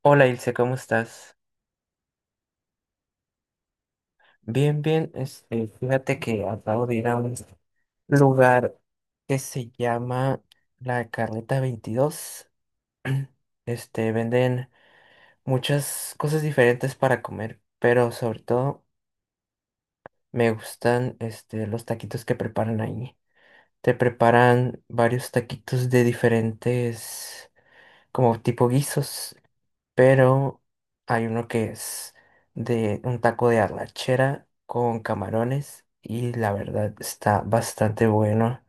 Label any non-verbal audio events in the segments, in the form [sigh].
Hola Ilse, ¿cómo estás? Bien, bien. Fíjate que acabo de ir a un lugar que se llama La Carreta veintidós. [clears throat] Venden muchas cosas diferentes para comer, pero sobre todo me gustan los taquitos que preparan ahí. Te preparan varios taquitos de diferentes, como tipo guisos. Pero hay uno que es de un taco de arrachera con camarones y la verdad está bastante bueno.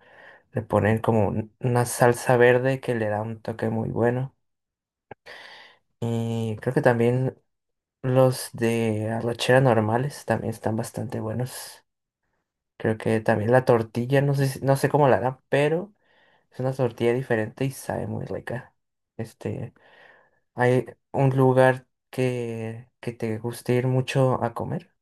Le ponen como una salsa verde que le da un toque muy bueno. Y creo que también los de arrachera normales también están bastante buenos. Creo que también la tortilla, no sé, no sé cómo la harán, pero es una tortilla diferente y sabe muy rica. Este, ¿Hay un lugar que te guste ir mucho a comer?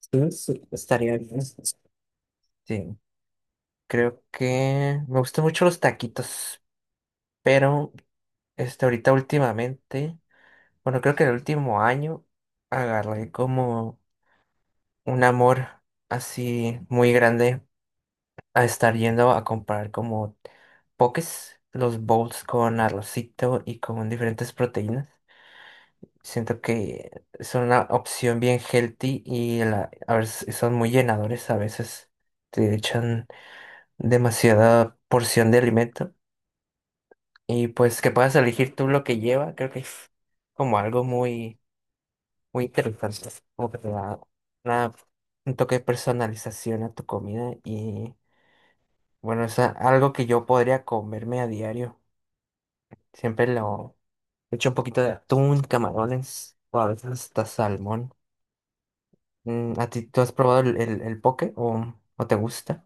Sí, sí, estaría bien. Sí, creo que me gustan mucho los taquitos, pero ahorita últimamente, bueno, creo que el último año agarré como un amor así muy grande a estar yendo a comprar como pokés, los bowls con arrocito y con diferentes proteínas. Siento que es una opción bien healthy y a veces son muy llenadores, a veces te echan demasiada porción de alimento y pues que puedas elegir tú lo que lleva, creo que es como algo muy, muy interesante, como que te da una- un toque de personalización a tu comida y bueno, es algo que yo podría comerme a diario, siempre lo echo un poquito de atún, camarones o a veces hasta salmón. Mm, ¿a ti tú has probado el poke o te gusta?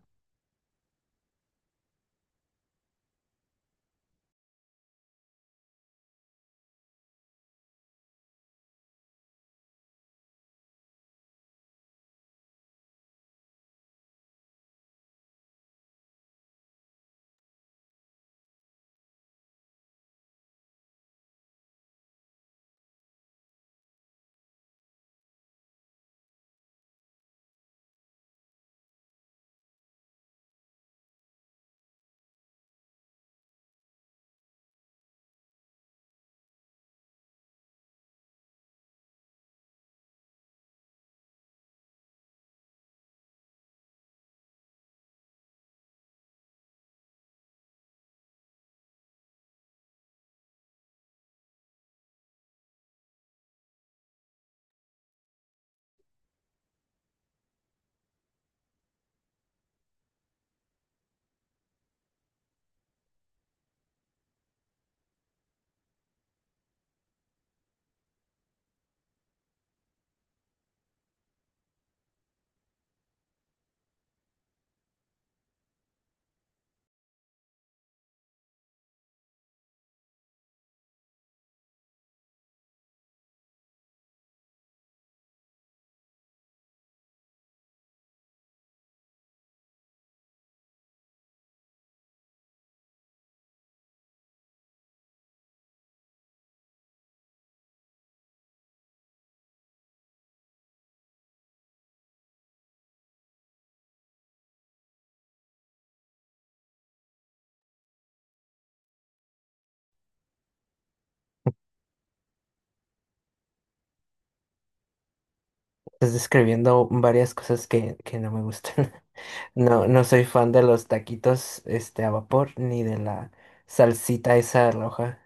Estás describiendo varias cosas que no me gustan. [laughs] No, no soy fan de los taquitos a vapor ni de la salsita esa roja.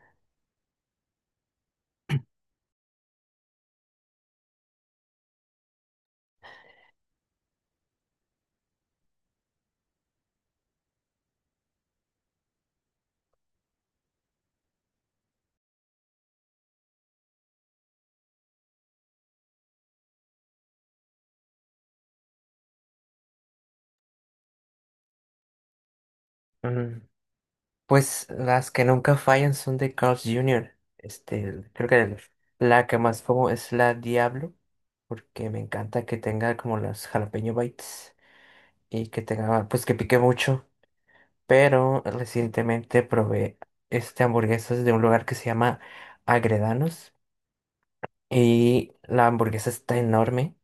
Mm, pues las que nunca fallan son de Carl's Jr. Creo que la que más como es la Diablo, porque me encanta que tenga como las jalapeño bites y que tenga, pues que pique mucho. Pero recientemente probé hamburguesas de un lugar que se llama Agredanos y la hamburguesa está enorme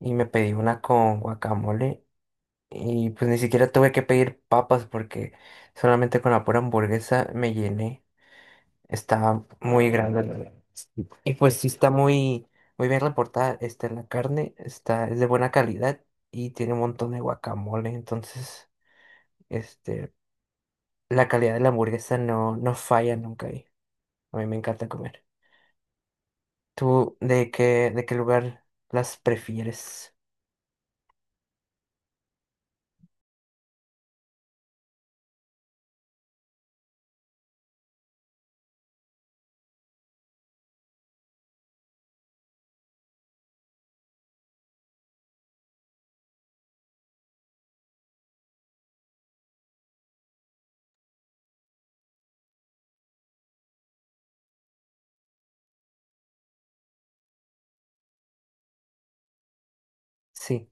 y me pedí una con guacamole y pues ni siquiera tuve que pedir papas porque solamente con la pura hamburguesa me llené. Está muy grande. La Y pues sí está muy, muy bien reportada. Está en la carne, está, es de buena calidad y tiene un montón de guacamole. Entonces, este, la calidad de la hamburguesa no, no falla nunca ahí. A mí me encanta comer. ¿Tú de qué lugar las prefieres? Sí.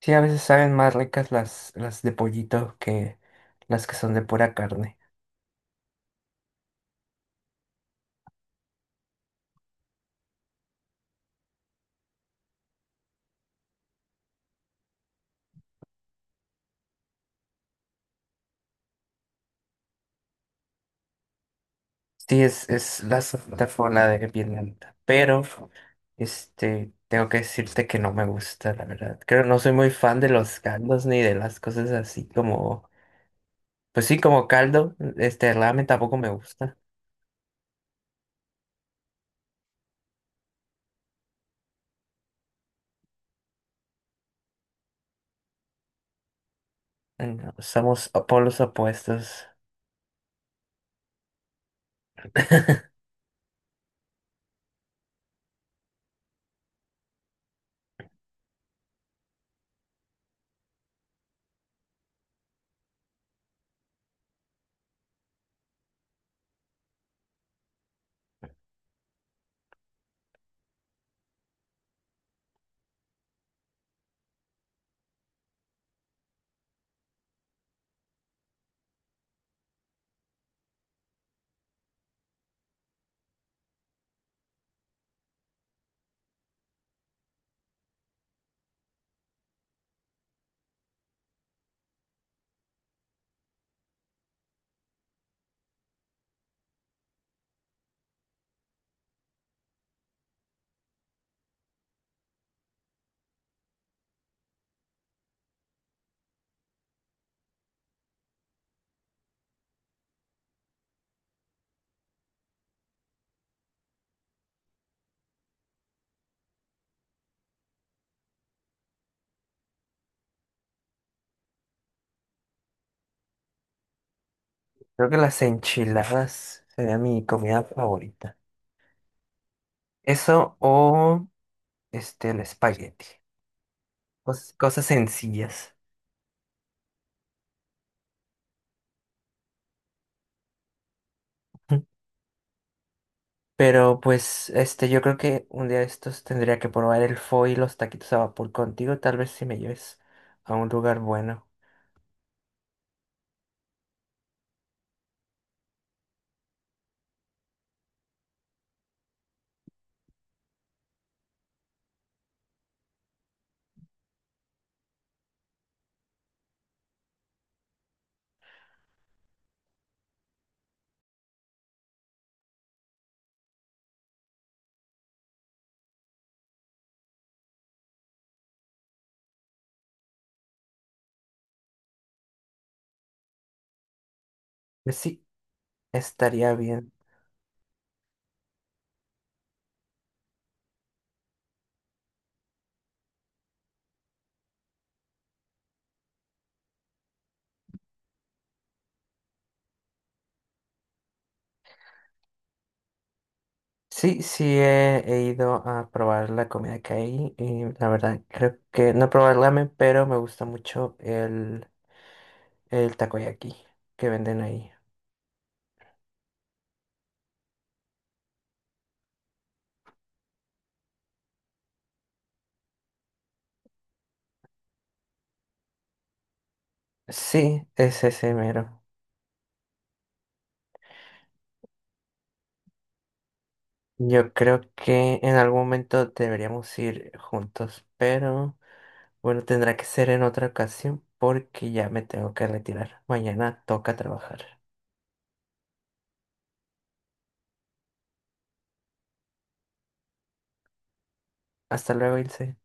Sí, a veces saben más ricas las de pollito que las que son de pura carne. Sí, es la zafrona de Vietnam. Pero, tengo que decirte que no me gusta, la verdad. Creo no soy muy fan de los caldos ni de las cosas así como, pues sí, como caldo. Ramen tampoco me gusta. No, somos polos opuestos. Creo que las enchiladas sería mi comida favorita. Eso o el espagueti. Cosas sencillas. [laughs] Pero pues yo creo que un día de estos tendría que probar el pho y los taquitos a vapor contigo, tal vez si me lleves a un lugar bueno. Pues sí, estaría bien. Sí, he ido a probar la comida que hay y la verdad creo que no he probado el ramen, pero me gusta mucho el takoyaki que venden ahí. Sí, es ese mero. Yo creo que en algún momento deberíamos ir juntos, pero bueno, tendrá que ser en otra ocasión porque ya me tengo que retirar. Mañana toca trabajar. Hasta luego, Ilse.